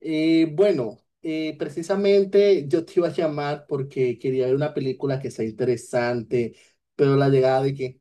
Eh, bueno, precisamente yo te iba a llamar porque quería ver una película que sea interesante, pero la llegada de que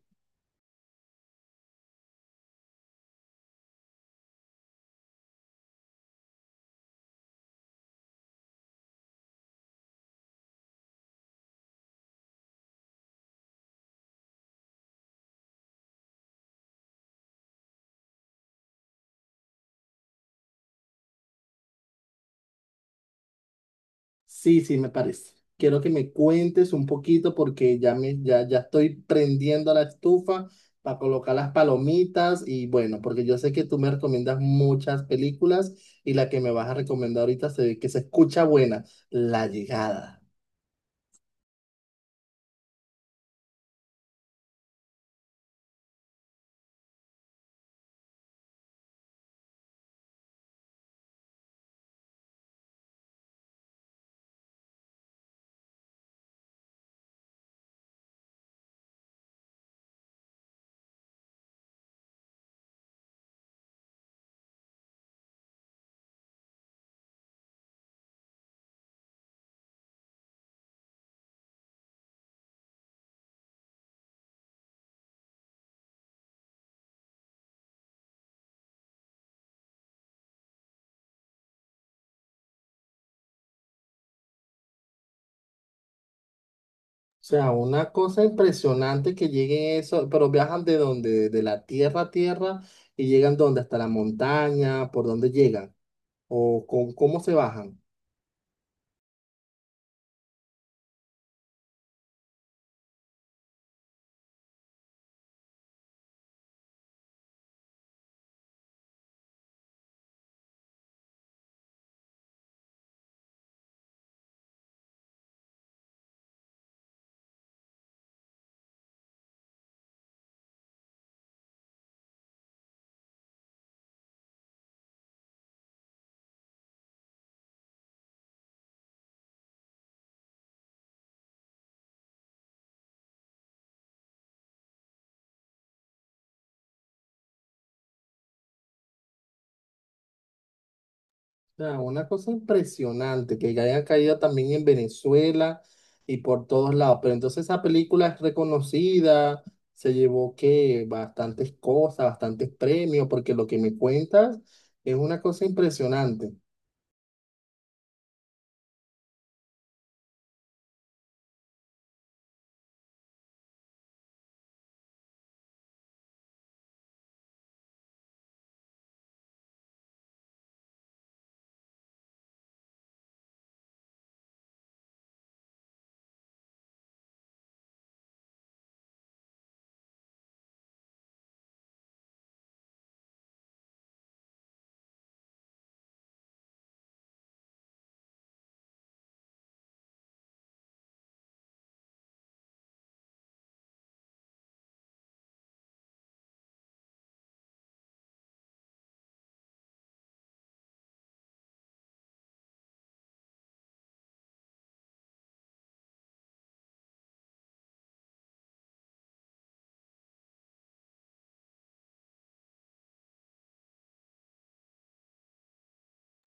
sí, sí, me parece. Quiero que me cuentes un poquito porque ya estoy prendiendo la estufa para colocar las palomitas y bueno, porque yo sé que tú me recomiendas muchas películas y la que me vas a recomendar ahorita se ve que se escucha buena, La llegada. O sea, una cosa impresionante que lleguen eso, pero viajan de donde, de la tierra a tierra y llegan donde, hasta la montaña, por dónde llegan o con cómo se bajan. O sea, una cosa impresionante que hayan caído también en Venezuela y por todos lados. Pero entonces esa película es reconocida, se llevó que bastantes cosas, bastantes premios, porque lo que me cuentas es una cosa impresionante.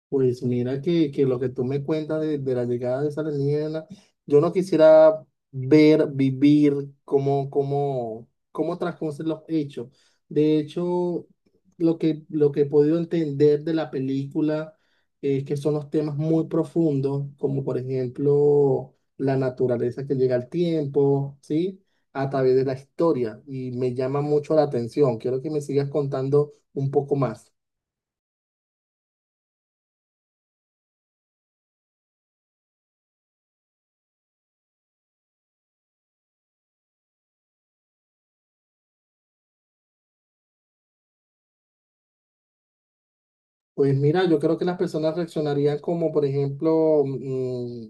Pues mira que lo que tú me cuentas de la llegada de esa alienígena, yo no quisiera ver, vivir cómo, cómo, cómo transcurren los hechos. De hecho, lo que he podido entender de la película es que son los temas muy profundos, como por ejemplo la naturaleza que llega al tiempo, ¿sí? A través de la historia. Y me llama mucho la atención. Quiero que me sigas contando un poco más. Pues mira, yo creo que las personas reaccionarían como, por ejemplo,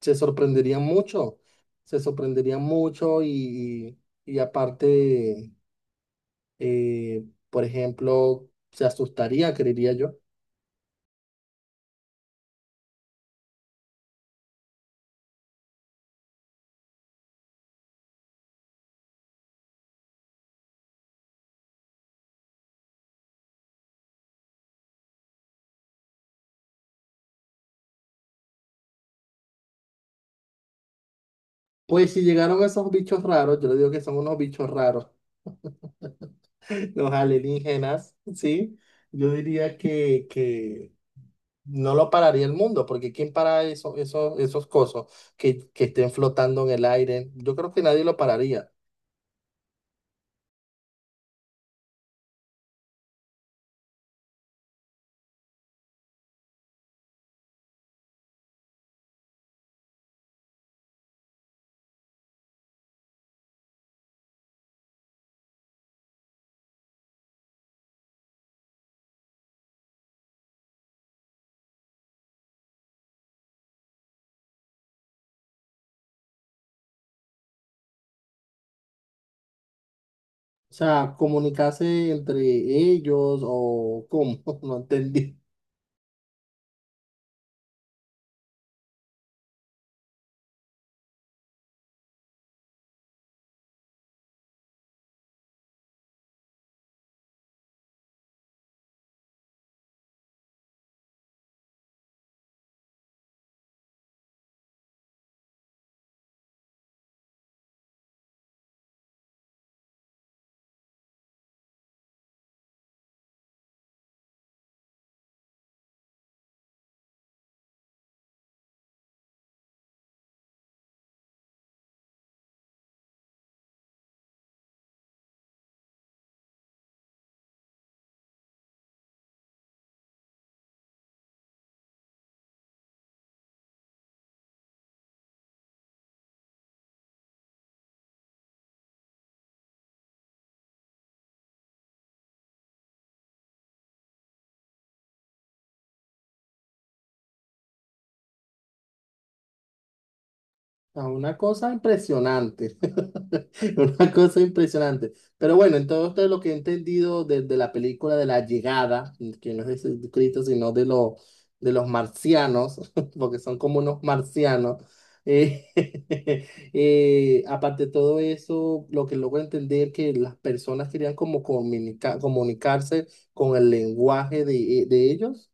se sorprenderían mucho, se sorprenderían mucho y aparte, eh, por ejemplo, se asustaría, creería yo. Pues si llegaron esos bichos raros, yo le digo que son unos bichos raros, los alienígenas, ¿sí? Yo diría que no lo pararía el mundo, porque ¿quién para esos cosos que estén flotando en el aire? Yo creo que nadie lo pararía. O sea, ¿comunicarse entre ellos o cómo? No entendí. Ah, una cosa impresionante, una cosa impresionante. Pero bueno, entonces lo que he entendido de la película de la llegada, que no es de Jesucristo, sino de los marcianos, porque son como unos marcianos, eh, aparte de todo eso, lo que logro entender que las personas querían como comunicarse con el lenguaje de ellos.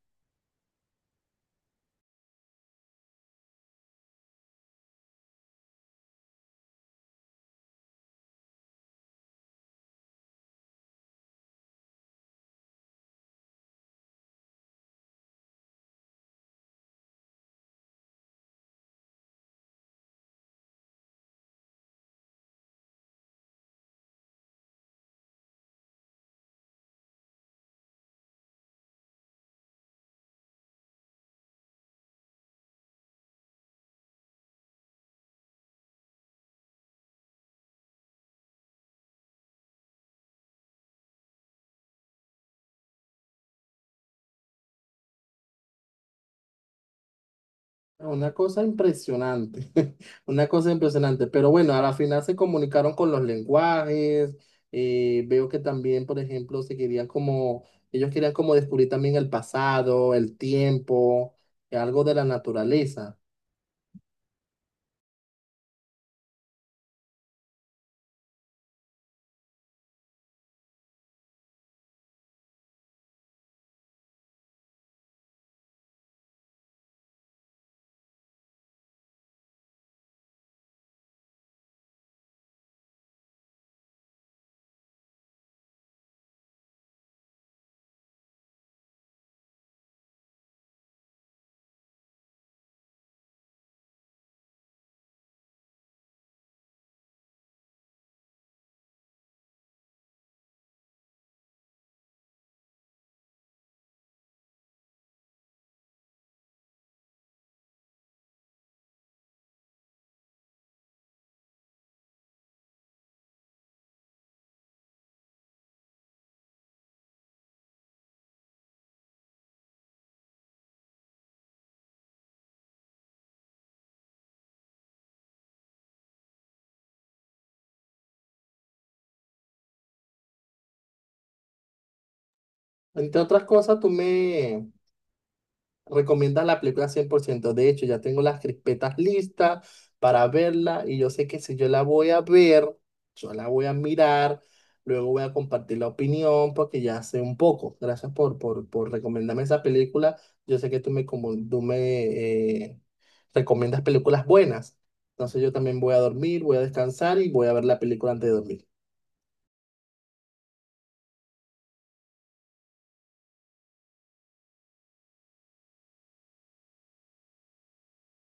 Una cosa impresionante, una cosa impresionante, pero bueno, a la final se comunicaron con los lenguajes, veo que también, por ejemplo, se querían como, ellos querían como descubrir también el pasado, el tiempo, algo de la naturaleza. Entre otras cosas, recomiendan la película 100%. De hecho, ya tengo las crispetas listas para verla y yo sé que si yo la voy a ver, yo la voy a mirar, luego voy a compartir la opinión porque ya sé un poco. Gracias por recomendarme esa película. Yo sé que tú me eh, recomiendas películas buenas. Entonces yo también voy a dormir, voy a descansar y voy a ver la película antes de dormir.